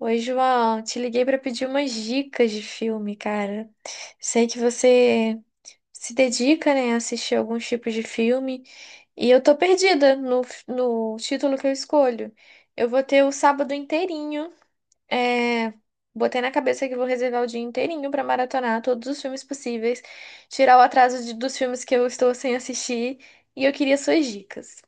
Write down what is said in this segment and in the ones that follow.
Oi, João, te liguei para pedir umas dicas de filme, cara. Sei que você se dedica, né, a assistir alguns tipos de filme e eu tô perdida no, f- no título que eu escolho. Eu vou ter o sábado inteirinho. É, Botei na cabeça que vou reservar o dia inteirinho para maratonar todos os filmes possíveis, tirar o atraso de- dos filmes que eu estou sem assistir e eu queria suas dicas.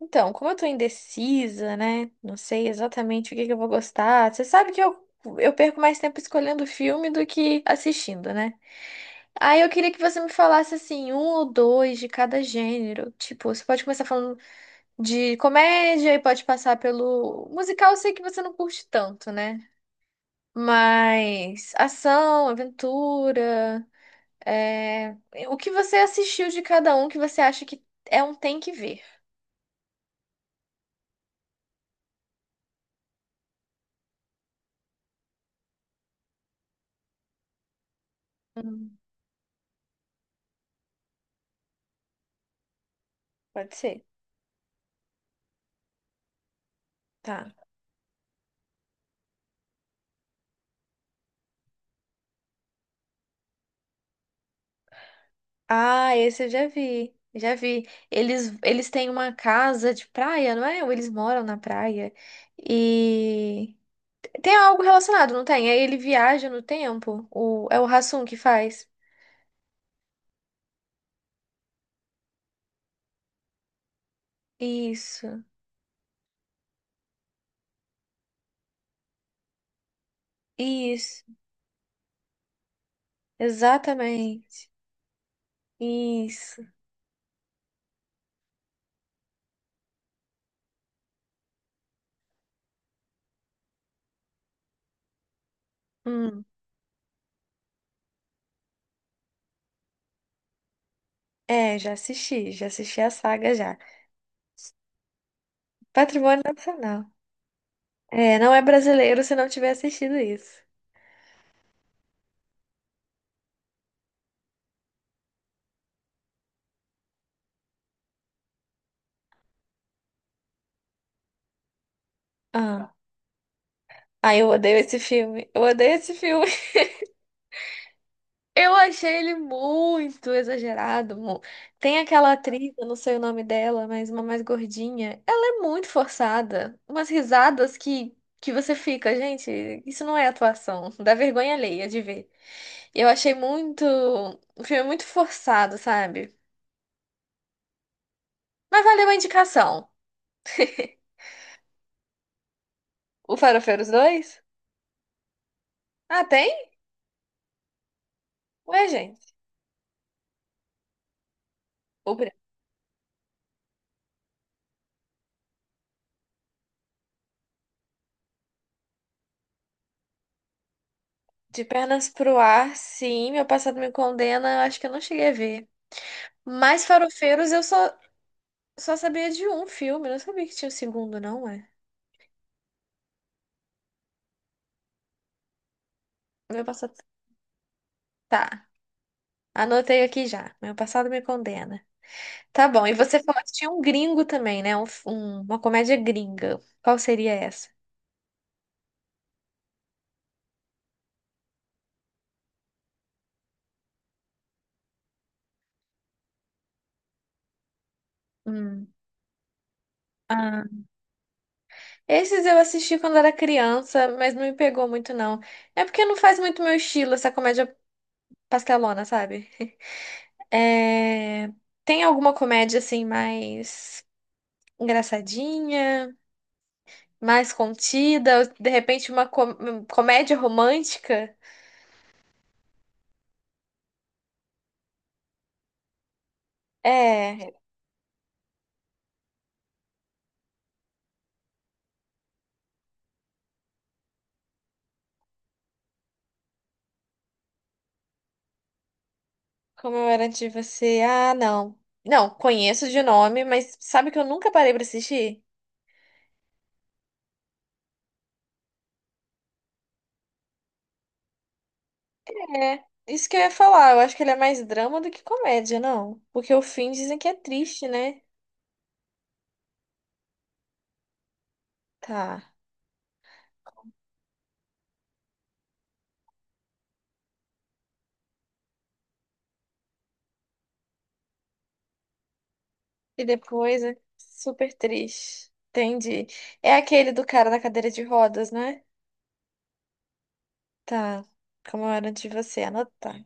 Então, como eu tô indecisa, né? Não sei exatamente o que que eu vou gostar. Você sabe que eu perco mais tempo escolhendo filme do que assistindo, né? Aí eu queria que você me falasse assim, um ou dois de cada gênero. Tipo, você pode começar falando de comédia e pode passar pelo musical, eu sei que você não curte tanto, né? Mas ação, aventura, é... o que você assistiu de cada um que você acha que é um tem que ver? Hum, pode ser. Tá. Ah, esse eu já vi. Já vi. Eles têm uma casa de praia, não é? Ou eles moram na praia. E tem algo relacionado, não tem? Aí ele viaja no tempo. O, é o Hassum que faz. Isso, isso, exatamente. Isso. Hum. É, já assisti a saga já. Patrimônio Nacional. É, não é brasileiro se não tiver assistido isso. Ah, aí eu odeio esse filme. Eu odeio esse filme. Eu achei ele muito exagerado. Tem aquela atriz, eu não sei o nome dela, mas uma mais gordinha. Ela é muito forçada. Umas risadas que você fica, gente, isso não é atuação. Dá vergonha alheia de ver. Eu achei muito. O filme muito forçado, sabe? Mas valeu a indicação. O Farofeiros dois? Ah, tem? Ué, gente. O Bra- De Pernas pro Ar, sim. Meu passado me condena. Eu Acho que eu não cheguei a ver. Mas Farofeiros eu só eu só sabia de um filme, não sabia que tinha o segundo, não é? Meu passado. Tá, anotei aqui já. Meu passado me condena. Tá bom, e você falou que tinha um gringo também, né? Uma comédia gringa. Qual seria essa? Hum. Ah. Esses eu assisti quando era criança, mas não me pegou muito, não. É porque não faz muito meu estilo essa comédia pastelona, sabe? É... Tem alguma comédia assim mais engraçadinha? Mais contida, de repente comédia romântica. É, Como eu era de você. Ah, não. Não, conheço de nome, mas sabe que eu nunca parei pra assistir? É, isso que eu ia falar. Eu acho que ele é mais drama do que comédia, não. Porque o fim dizem que é triste, né? Tá. E depois é super triste. Entendi. É aquele do cara na cadeira de rodas, né? Tá. Como eu era de você, anotado.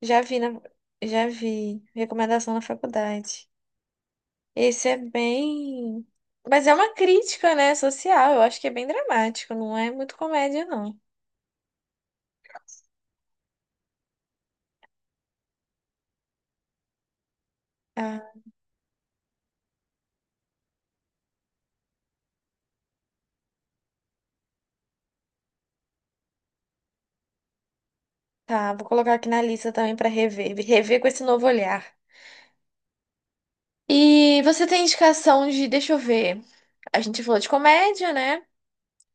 Já vi na, já vi recomendação na faculdade. Esse é bem, mas é uma crítica, né, social. Eu acho que é bem dramático, não é muito comédia, não. Ah, tá, vou colocar aqui na lista também pra rever, rever com esse novo olhar. E você tem indicação de, deixa eu ver. A gente falou de comédia, né?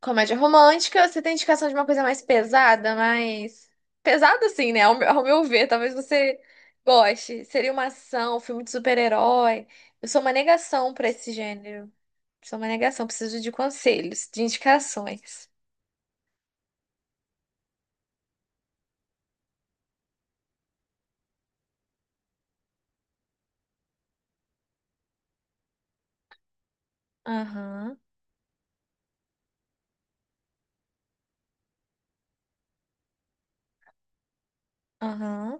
Comédia romântica, você tem indicação de uma coisa mais. Pesada, assim, né? Ao meu ver, talvez você goste. Seria uma ação, um filme de super-herói. Eu sou uma negação pra esse gênero. Sou uma negação, preciso de conselhos, de indicações. Aham, aham.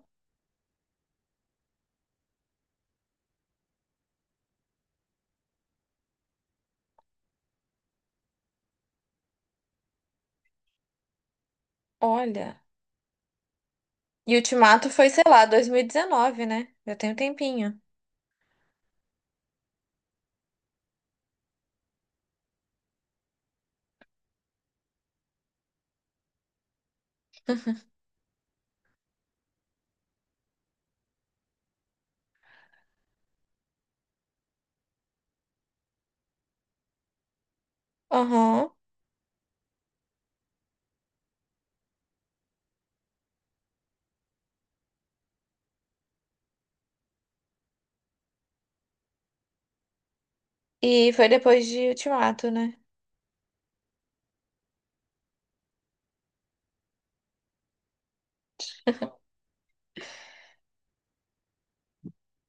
Olha. E Ultimato foi, sei lá, 2019, né? Já tem um tempinho. Aham. E foi depois de Ultimato, né?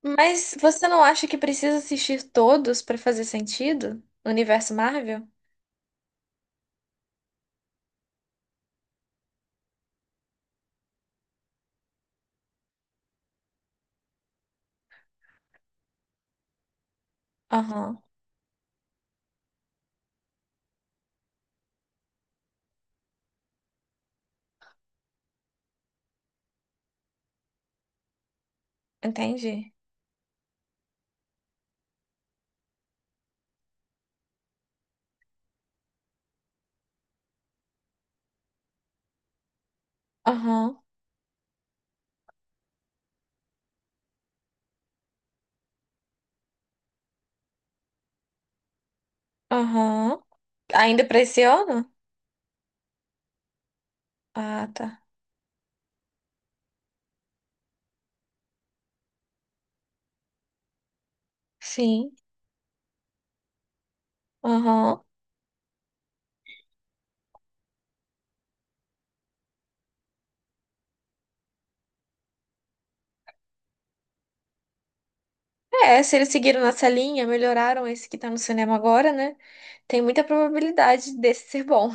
Mas você não acha que precisa assistir todos pra fazer sentido? No universo Marvel? Aham, entendi. Aham, aham. Ainda pra esse ano? Ah, tá. Sim. Aham. É, se eles seguiram nessa linha, melhoraram esse que tá no cinema agora, né? Tem muita probabilidade desse ser bom.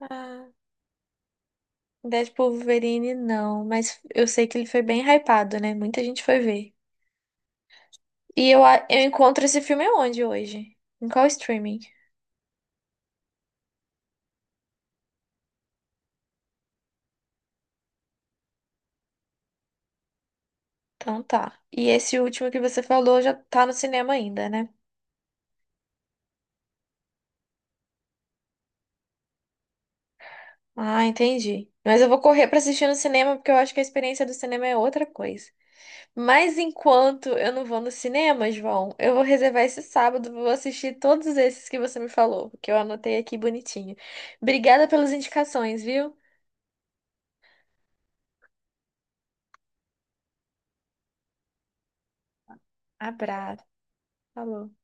Ah, Deadpool Wolverine, não. Mas eu sei que ele foi bem hypado, né? Muita gente foi ver. Eu encontro esse filme onde hoje? Em qual streaming? Então tá. E esse último que você falou já tá no cinema ainda, né? Ah, entendi. Mas eu vou correr pra assistir no cinema porque eu acho que a experiência do cinema é outra coisa. Mas enquanto eu não vou no cinema, João, eu vou reservar esse sábado, vou assistir todos esses que você me falou, que eu anotei aqui bonitinho. Obrigada pelas indicações, viu? Abraço. Falou.